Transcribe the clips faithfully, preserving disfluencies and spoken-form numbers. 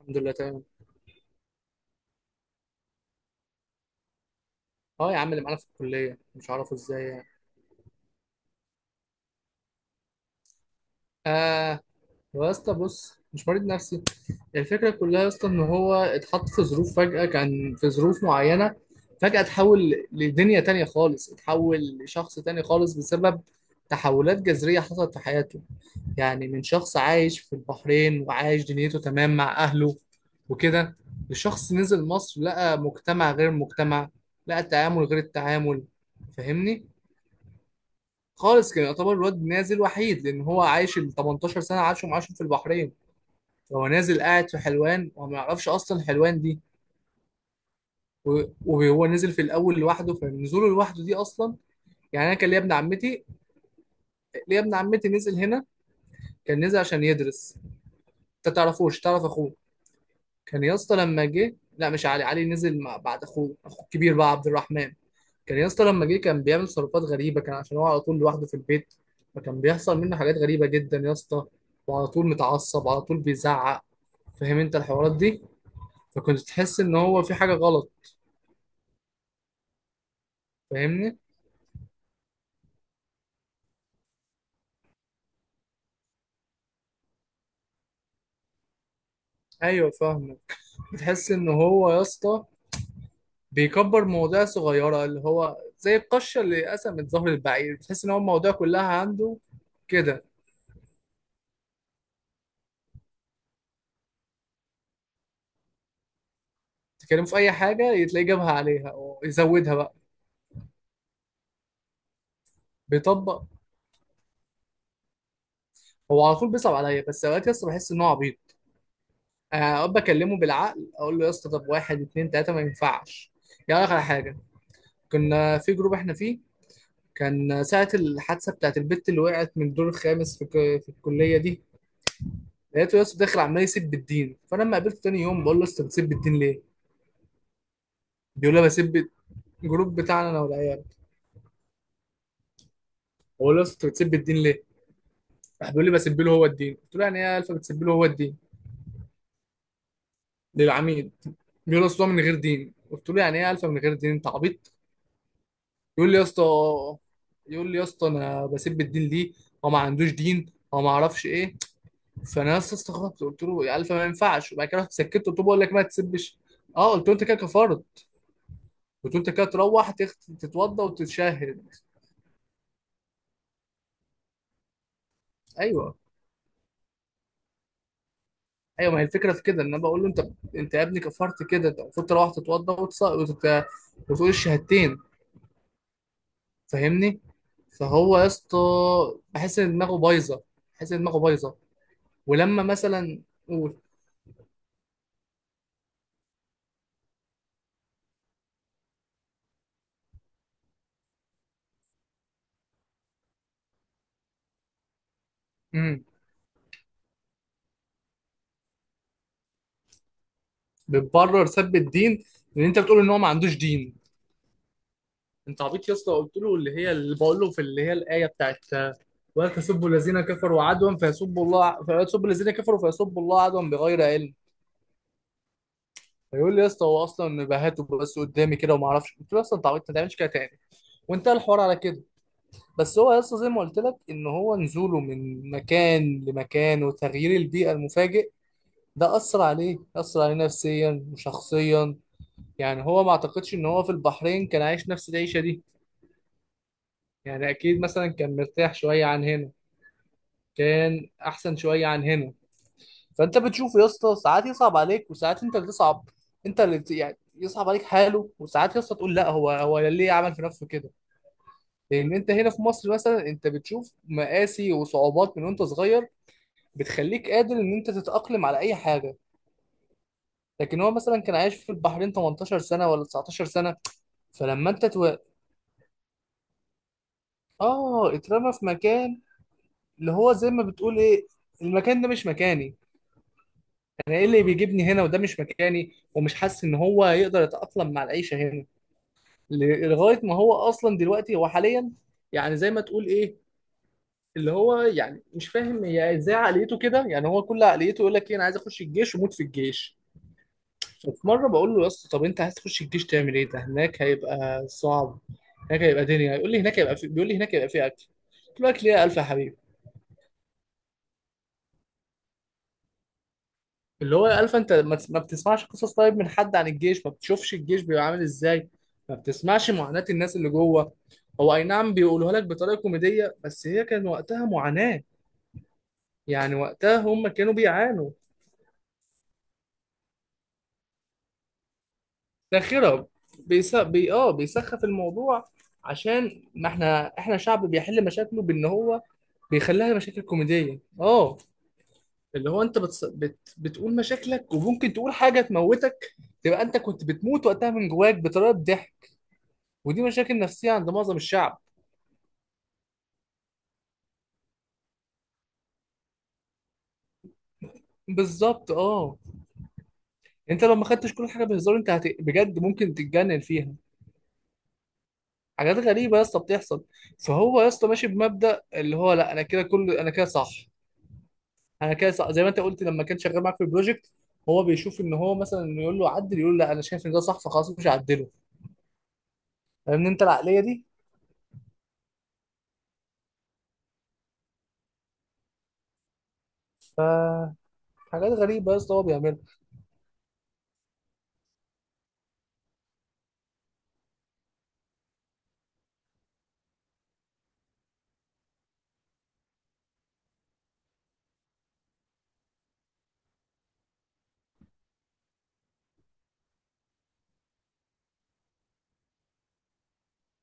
الحمد لله تمام. اه يا عم اللي معانا في الكليه مش عارفه ازاي يعني. اه هو يا اسطى بص مش مريض نفسي. الفكره كلها يا اسطى ان هو اتحط في ظروف فجاه، كان في ظروف معينه فجاه اتحول لدنيا تانية خالص، اتحول لشخص تاني خالص بسبب تحولات جذريه حصلت في حياته. يعني من شخص عايش في البحرين وعايش دنيته تمام مع اهله وكده، لشخص نزل مصر لقى مجتمع غير المجتمع، لقى تعامل غير التعامل. فاهمني؟ خالص، كان يعتبر الواد نازل وحيد لان هو عايش ال تمنتاشر سنه عاشهم عاشهم في البحرين. هو نازل قاعد في حلوان وما يعرفش اصلا حلوان دي. و- وهو نزل في الاول لوحده، فنزوله لوحده دي اصلا. يعني انا كان ليا ابن عمتي ليا ابن عمتي نزل هنا، كان نزل عشان يدرس. انت تعرفوش؟ تعرف اخوه. كان يا اسطى لما جه، لا مش علي، علي نزل مع بعد اخوه اخوه الكبير بقى عبد الرحمن. كان يا اسطى لما جه كان بيعمل تصرفات غريبه، كان عشان هو على طول لوحده في البيت، فكان بيحصل منه حاجات غريبه جدا يا اسطى، وعلى طول متعصب، على طول بيزعق. فاهم انت الحوارات دي؟ فكنت تحس ان هو في حاجه غلط. فاهمني؟ ايوه فاهمه. بتحس ان هو يا اسطى بيكبر مواضيع صغيره، اللي هو زي القشه اللي قسمت ظهر البعير، بتحس ان هو المواضيع كلها عنده كده. تكلمه في اي حاجه تلاقيه جابها عليها ويزودها بقى. بيطبق. هو على طول بيصعب عليا، بس اوقات يا اسطى بحس ان هو عبيط. اقعد اكلمه بالعقل، اقول له يا اسطى طب واحد اتنين تلاته ما ينفعش. يعني اخر حاجه، كنا في جروب احنا فيه، كان ساعه الحادثه بتاعت البت اللي وقعت من الدور الخامس في, ك... في الكليه دي. لقيته يا اسطى داخل عمال يسب بالدين. فانا لما قابلته تاني يوم بقول له يا اسطى بتسب الدين ليه؟ بيقول لي بسب. الجروب بتاعنا انا والعيال. بقول له يا اسطى بتسب الدين ليه؟ راح بيقول لي بسب له هو الدين. قلت له يعني ايه يا الفا بتسب له هو الدين؟ للعميد. بيقول له اصل هو من غير دين. قلت له يعني ايه يا الفا من غير دين، انت عبيط. يقول لي يا اسطى يقول لي يا اسطى انا بسيب الدين ليه، هو ما عندوش دين، هو ما اعرفش ايه. فانا يا اسطى استغربت، قلت له يا الف ما ينفعش، وبعد كده رحت سكت، قلت له بقول لك ما تسبش. اه قلت له انت كده كفرت، قلت له انت كده تروح تخت- تتوضى وتتشهد. ايوه ايوه، ما هي الفكره في كده ان انا بقول له انت انت يا ابني كفرت كده، انت المفروض تروح تتوضى وتص... وتت... وتقول الشهادتين. فاهمني؟ فهو يا اسطى بحس ان دماغه بايظه، بحس ان دماغه بايظه. ولما مثلا، قول، بتبرر سب الدين، ان انت بتقول ان هو ما عندوش دين. انت عبيط يا اسطى، قلت له اللي هي اللي بقول له في، اللي هي الايه بتاعت: ولا تسبوا الذين كفروا عدوا فيسبوا الله، فيسبوا الذين كفروا فيسبوا الله عدوا بغير علم. فيقول لي يا اسطى هو اصلا بهاته بس قدامي كده وما اعرفش. قلت له يا اسطى انت عبيط ما تعملش كده تاني، وانتهى الحوار على كده. بس هو يا اسطى زي ما قلت لك، ان هو نزوله من مكان لمكان وتغيير البيئه المفاجئ ده اثر عليه، اثر عليه نفسيا وشخصيا. يعني هو ما اعتقدش ان هو في البحرين كان عايش نفس العيشة دي. يعني اكيد مثلا كان مرتاح شوية عن هنا، كان احسن شوية عن هنا. فانت بتشوف يا اسطى ساعات يصعب عليك وساعات انت اللي تصعب. انت اللي بت- يعني يصعب عليك حاله، وساعات يا اسطى تقول لا، هو هو ليه عمل في نفسه كده. لان انت هنا في مصر مثلا انت بتشوف مقاسي وصعوبات من وانت صغير، بتخليك قادر ان انت تتأقلم على اي حاجة. لكن هو مثلا كان عايش في البحرين تمنتاشر سنة ولا تسعتاشر سنة، فلما انت تو... اه اترمى في مكان. اللي هو زي ما بتقول ايه، المكان ده مش مكاني. انا ايه اللي بيجيبني هنا؟ وده مش مكاني ومش حاسس ان هو يقدر يتأقلم مع العيشة هنا. ل- لغاية ما هو اصلا دلوقتي، هو حاليا، يعني زي ما تقول ايه، اللي هو يعني مش فاهم هي ازاي عقليته كده. يعني هو كل عقليته يقول لك ايه؟ انا عايز اخش الجيش وموت في الجيش. ففي مرة بقول له يا اسطى طب انت عايز تخش الجيش تعمل ايه؟ ده هناك هيبقى صعب، هناك هيبقى دنيا. يقول لي هناك هيبقى في... بيقول لي هناك هيبقى في اكل. قلت له اكل ايه يا الف يا حبيبي؟ اللي هو الف، انت ما تس- ما بتسمعش قصص طيب من حد عن الجيش؟ ما بتشوفش الجيش بيبقى عامل ازاي؟ ما بتسمعش معاناة الناس اللي جوه؟ هو اي نعم بيقولوها لك بطريقة كوميدية، بس هي كان وقتها معاناة. يعني وقتها هم كانوا بيعانوا. ساخرة. بيس... بي... اه بيسخف الموضوع. عشان ما احنا احنا شعب بيحل مشاكله بان هو بيخليها مشاكل كوميدية. اه، اللي هو انت بتص... بت... بتقول مشاكلك وممكن تقول حاجة تموتك. تبقى انت كنت بتموت وقتها من جواك بطريقة ضحك. ودي مشاكل نفسية عند معظم الشعب. بالظبط اه. انت لو ما خدتش كل حاجة بهزار، انت هت... بجد ممكن تتجنن فيها. حاجات غريبة يا اسطى بتحصل. فهو يا اسطى ماشي بمبدأ اللي هو لا، انا كده كل انا كده صح. انا كده صح، زي ما انت قلت لما كان شغال معاك في البروجكت. هو بيشوف ان هو مثلا إنه يقول له عدل، يقول لا انا شايف ان ده صح فخلاص مش هعدله. فاهمني انت العقلية دي؟ ف حاجات غريبة يا اسطى هو بيعملها.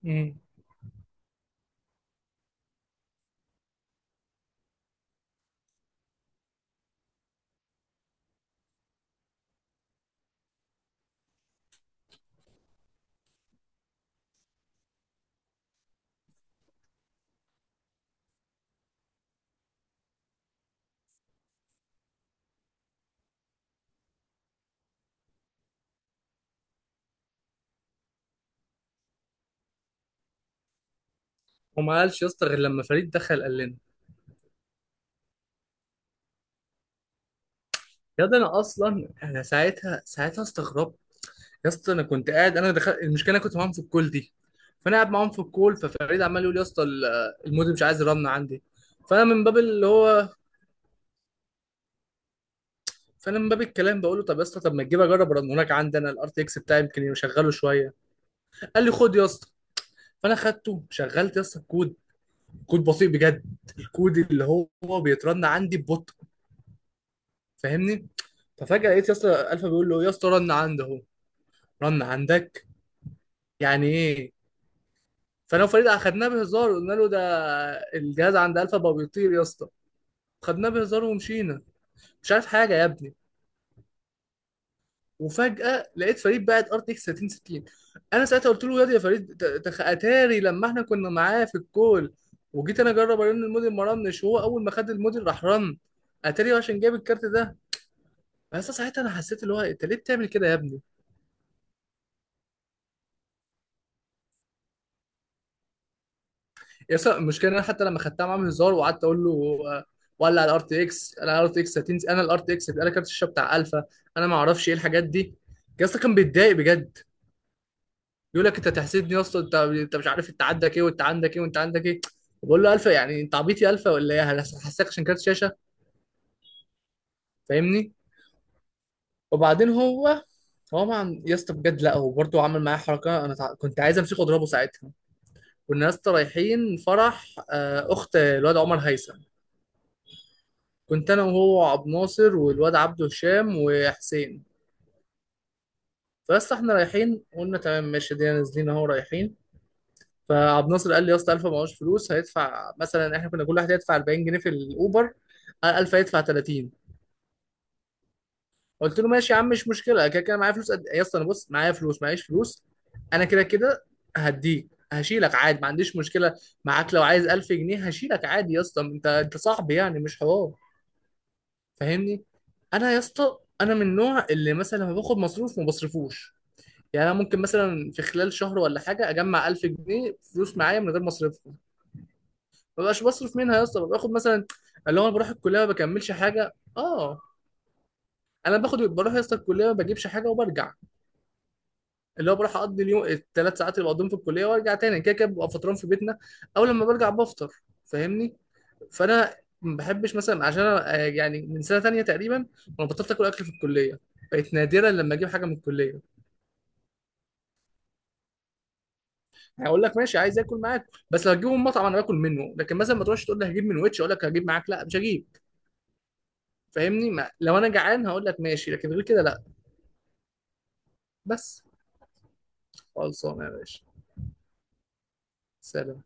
امم وما قالش يا اسطى غير لما فريد دخل قال لنا. يا ده انا اصلا انا ساعتها ساعتها استغربت. يا اسطى انا كنت قاعد، انا دخلت المشكله، انا كنت معاهم في الكول دي. فانا قاعد معاهم في الكول، ففريد عمال يقول يا اسطى ال- المودم مش عايز رن عندي. فانا من باب اللي هو فانا من باب الكلام بقول له طب يا اسطى، طب ما تجيب اجرب رن هناك عندي، انا الار تي اكس بتاعي يمكن يشغله شويه. قال لي خد يا اسطى. فانا خدته، شغلت يا اسطى الكود. كود بطيء بجد، الكود اللي هو بيترن عندي ببطء. فاهمني؟ ففجاه لقيت يا اسطى الفا بيقول له يا اسطى رن عندي اهو. رن عندك؟ يعني ايه؟ فانا وفريد اخدناه بهزار، قلنا له ده الجهاز عند الفا بقى بيطير يا اسطى. خدناه بهزار ومشينا. مش عارف حاجه يا ابني. وفجاه لقيت فريد باعت ار تي اكس ثلاثين ستين. انا ساعتها قلت له ياض يا فريد، ت- تخ اتاري لما احنا كنا معاه في الكول وجيت انا اجرب ارن الموديل ما رنش، وهو اول ما خد الموديل راح رن. اتاري عشان جاب الكارت ده. بس ساعتها انا حسيت اللي هو انت ليه بتعمل كده يا ابني. يس المشكله إن انا حتى لما خدتها معاه هزار وقعدت اقول له، آه، ولا على الار تي اكس، انا على الار تي اكس هتنزل، انا الار تي اكس هيبقى لك كارت الشاشه بتاع الفا، انا ما اعرفش ايه الحاجات دي. يا اسطى كان بيتضايق بجد، بيقول لك انت تحسدني يا اسطى، انت انت مش عارف انت عندك ايه وانت عندك ايه وانت عندك ايه. بقول له الفا، يعني انت عبيط يا الفا ولا ايه؟ أنا هحسسك عشان كارت شاشه؟ فاهمني؟ وبعدين هو هو مع يا اسطى بجد، لا هو برضه عمل معايا حركه، انا تع... كنت عايز امسكه واضربه ساعتها. كنا يا اسطى رايحين فرح آه، اخت الواد عمر هيثم. كنت انا وهو عبد ناصر والواد عبد هشام وحسين. فبس احنا رايحين قلنا تمام ماشي دي نازلين اهو رايحين. فعبد ناصر قال لي يا اسطى الف معهوش فلوس، هيدفع مثلا، احنا كنا كل واحد هيدفع اربعين جنيه في الاوبر، قال الف هيدفع تلاتين. قلت له ماشي يا عم، مش مشكله، كده كده معايا فلوس قد... إيه؟ يا اسطى انا بص، معايا فلوس، معيش فلوس، انا كده كده هديك هشيلك عادي، ما عنديش مشكله. معاك لو عايز الف جنيه هشيلك عادي يا اسطى، انت انت صاحبي، يعني مش حوار. فاهمني؟ انا يا اسطى انا من النوع اللي مثلا لما باخد مصروف ما بصرفوش. يعني انا ممكن مثلا في خلال شهر ولا حاجه اجمع الف جنيه فلوس معايا من غير ما اصرفهم. ما بقاش بصرف منها يا اسطى، باخد مثلا اللي هو انا بروح الكليه ما بكملش حاجه. اه، انا باخد بروح يا اسطى الكليه ما بجيبش حاجه وبرجع. اللي هو بروح اقضي اليوم، الثلاث ساعات اللي بقضيهم في الكليه، وارجع تاني كده كده ببقى فطران في بيتنا، او لما برجع بفطر. فاهمني؟ فانا ما بحبش مثلا، عشان أنا، آه، يعني من سنه تانية تقريبا وانا بطلت اكل اكل في الكليه، بقيت نادرا لما اجيب حاجه من الكليه. هقول لك ماشي عايز اكل معاك، بس لو هجيبه من مطعم انا باكل منه، لكن مثلا ما تروحش تقول لي هجيب من ويتش اقول لك هجيب معاك، لا مش هجيب. فاهمني؟ ما... لو انا جعان هقول لك ماشي، لكن غير كده لا. بس. خلصانه يا باشا. سلام.